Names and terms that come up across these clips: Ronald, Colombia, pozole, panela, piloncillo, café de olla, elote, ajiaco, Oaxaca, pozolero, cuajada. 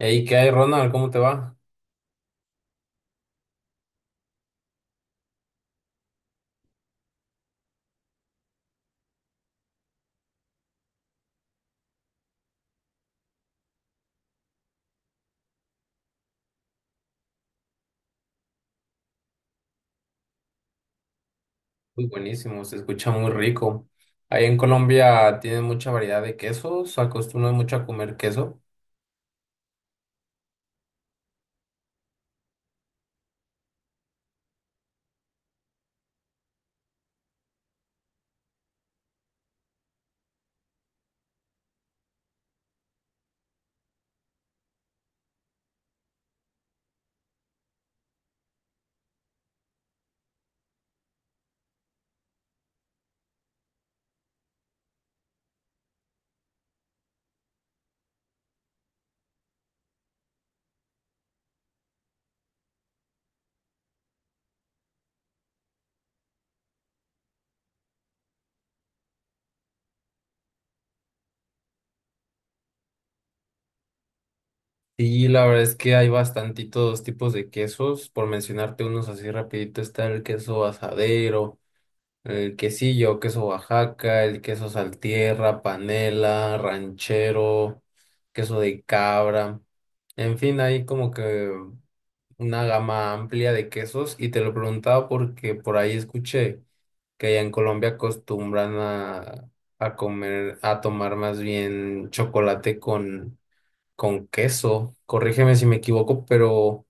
Hey, ¿qué hay, Ronald? ¿Cómo te va? Muy buenísimo, se escucha muy rico. Ahí en Colombia tienen mucha variedad de quesos, se mucho a comer queso. Y la verdad es que hay bastantitos tipos de quesos. Por mencionarte unos así rapidito, está el queso asadero, el quesillo, queso Oaxaca, el queso saltierra, panela, ranchero, queso de cabra. En fin, hay como que una gama amplia de quesos y te lo preguntaba porque por ahí escuché que allá en Colombia acostumbran a comer, a tomar más bien chocolate con queso. Corrígeme si me equivoco, pero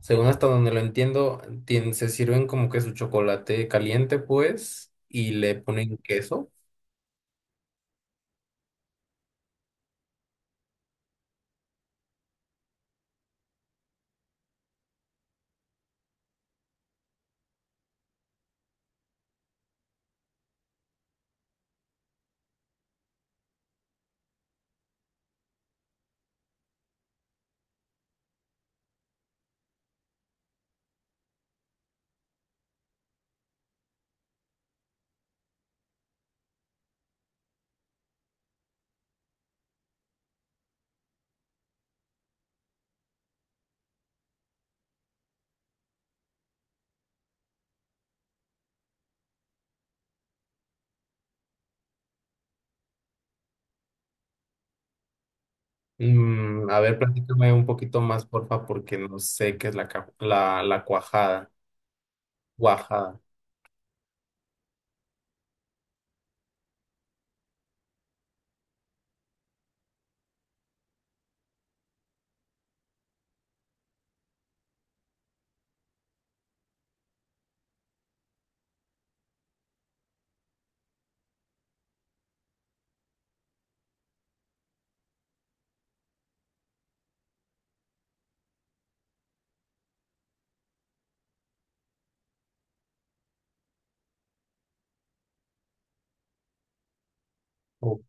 según hasta donde lo entiendo, se sirven como que su chocolate caliente, pues, y le ponen queso. Mm, a ver, platícame un poquito más, porfa, porque no sé qué es la cuajada. Cuajada. Ok.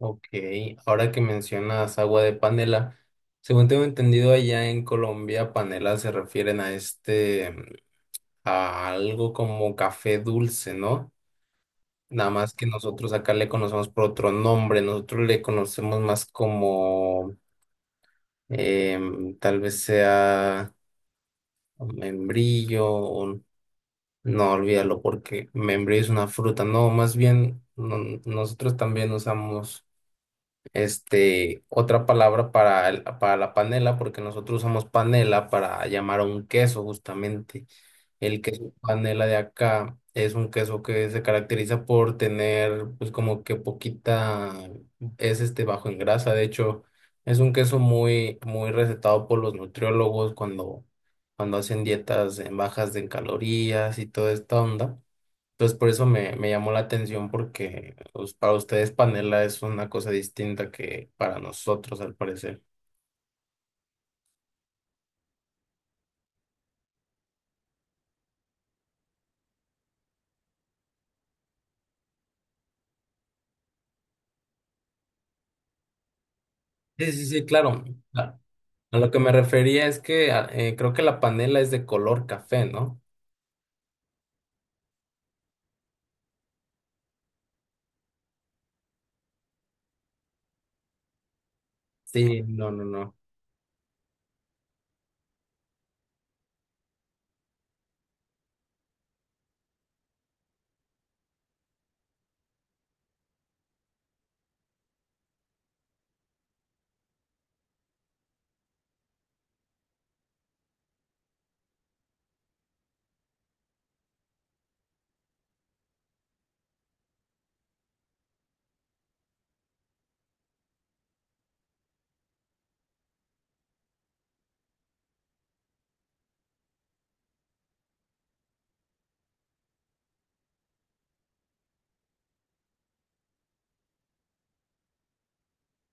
Ok, ahora que mencionas agua de panela, según tengo entendido allá en Colombia, panela se refieren a este, a algo como café dulce, ¿no? Nada más que nosotros acá le conocemos por otro nombre, nosotros le conocemos más como, tal vez sea membrillo, no, olvídalo porque membrillo es una fruta. No, más bien nosotros también usamos este, otra palabra para, para la panela, porque nosotros usamos panela para llamar a un queso justamente. El queso panela de acá es un queso que se caracteriza por tener, pues como que poquita, es este bajo en grasa. De hecho, es un queso muy, muy recetado por los nutriólogos cuando, cuando hacen dietas en bajas en calorías y toda esta onda. Entonces, por eso me, me llamó la atención, porque pues, para ustedes panela es una cosa distinta que para nosotros, al parecer. Sí, sí, sí, claro. A a lo que me refería es que creo que la panela es de color café, ¿no? Sí, no, no, no.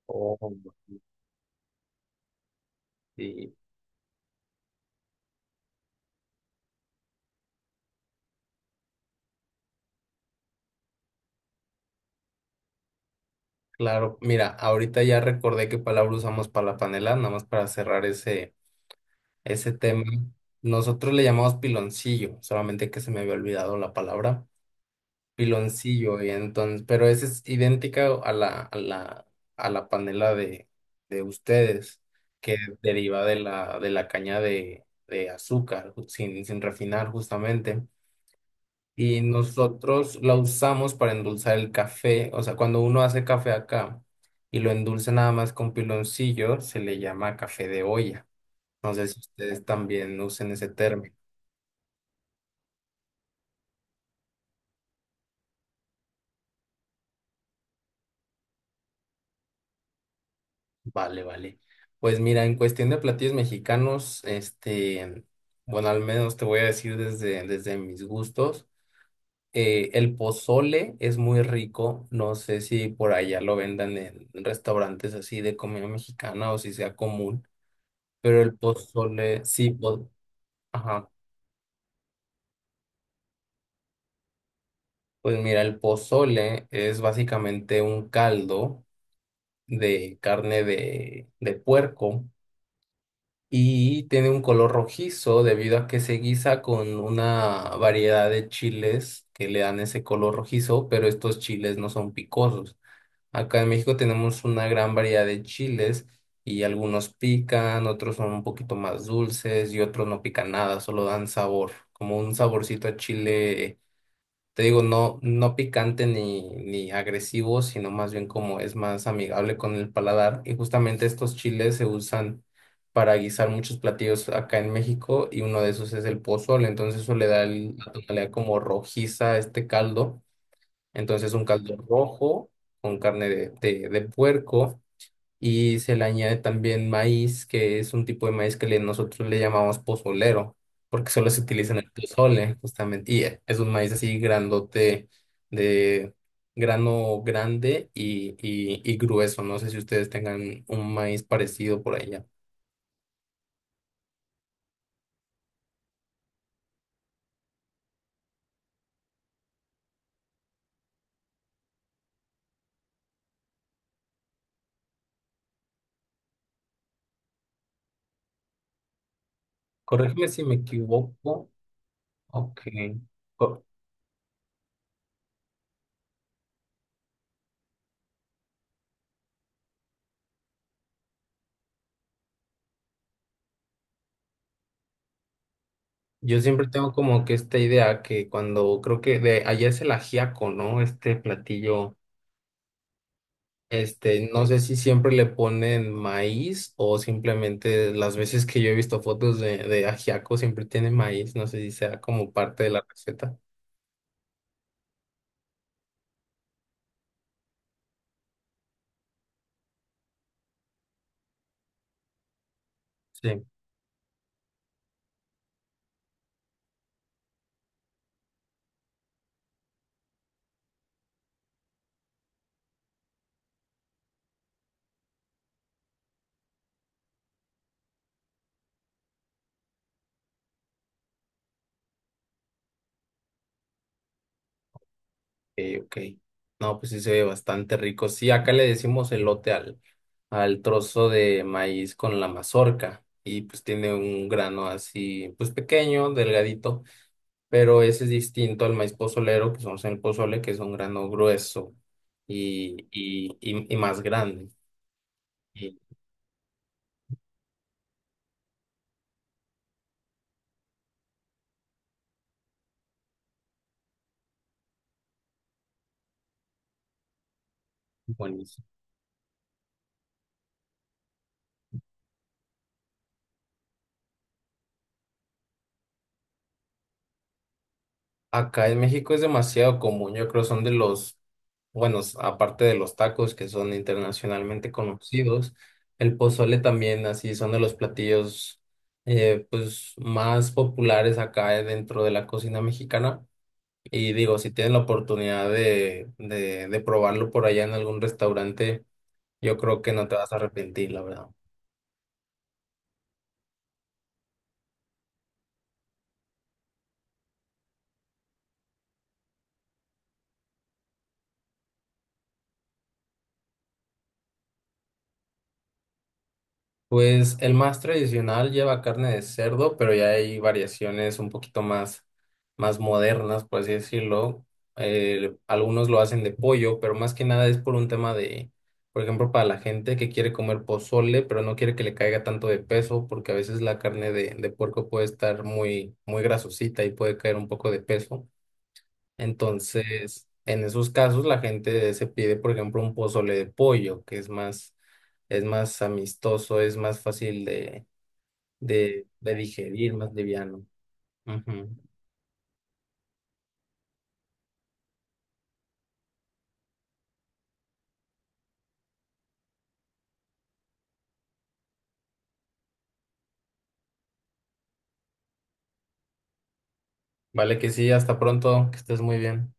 Oh, sí, claro. Mira, ahorita ya recordé qué palabra usamos para la panela, nada más para cerrar ese tema. Nosotros le llamamos piloncillo, solamente que se me había olvidado la palabra. Piloncillo y entonces, pero esa es idéntica a a la panela de ustedes, que deriva de la caña de azúcar, sin, sin refinar justamente. Y nosotros la usamos para endulzar el café, o sea, cuando uno hace café acá y lo endulza nada más con piloncillo, se le llama café de olla. No sé si ustedes también usen ese término. Vale, vale. Pues mira, en cuestión de platillos mexicanos, este, bueno, al menos te voy a decir desde, desde mis gustos. El pozole es muy rico. No sé si por allá lo vendan en restaurantes así de comida mexicana o si sea común, pero el pozole, sí, ajá. Pues mira, el pozole es básicamente un caldo de carne de puerco y tiene un color rojizo debido a que se guisa con una variedad de chiles que le dan ese color rojizo, pero estos chiles no son picosos. Acá en México tenemos una gran variedad de chiles y algunos pican, otros son un poquito más dulces y otros no pican nada, solo dan sabor, como un saborcito a chile, te digo, no, no picante ni agresivo, sino más bien como es más amigable con el paladar. Y justamente estos chiles se usan para guisar muchos platillos acá en México y uno de esos es el pozole. Entonces eso le da la tonalidad como rojiza a este caldo. Entonces un caldo rojo con carne de puerco y se le añade también maíz, que es un tipo de maíz que nosotros le llamamos pozolero, porque solo se utiliza en el pozole, justamente, y es un maíz así grandote, de grano grande y grueso. No sé si ustedes tengan un maíz parecido por allá. Corrígeme si me equivoco. Ok. Co- Yo siempre tengo como que esta idea que cuando creo que de allá es el ajiaco, ¿no? Este platillo. Este, no sé si siempre le ponen maíz o simplemente las veces que yo he visto fotos de ajiaco siempre tiene maíz, no sé si sea como parte de la receta. Sí. Ok, ok. No, pues sí se ve bastante rico. Sí, acá le decimos elote al trozo de maíz con la mazorca y pues tiene un grano así, pues pequeño, delgadito, pero ese es distinto al maíz pozolero que usamos en el pozole, que es un grano grueso y más grande. Y buenísimo. Acá en México es demasiado común, yo creo son de los, bueno, aparte de los tacos que son internacionalmente conocidos, el pozole también así son de los platillos pues más populares acá dentro de la cocina mexicana. Y digo, si tienen la oportunidad de probarlo por allá en algún restaurante, yo creo que no te vas a arrepentir, la verdad. Pues el más tradicional lleva carne de cerdo, pero ya hay variaciones un poquito más, más modernas, por así decirlo. Algunos lo hacen de pollo, pero más que nada es por un tema de, por ejemplo, para la gente que quiere comer pozole, pero no quiere que le caiga tanto de peso, porque a veces la carne de puerco puede estar muy, muy grasosita y puede caer un poco de peso. Entonces, en esos casos, la gente se pide, por ejemplo, un pozole de pollo, que es más amistoso, es más fácil de digerir, más liviano. Ujú. Vale, que sí, hasta pronto, que estés muy bien.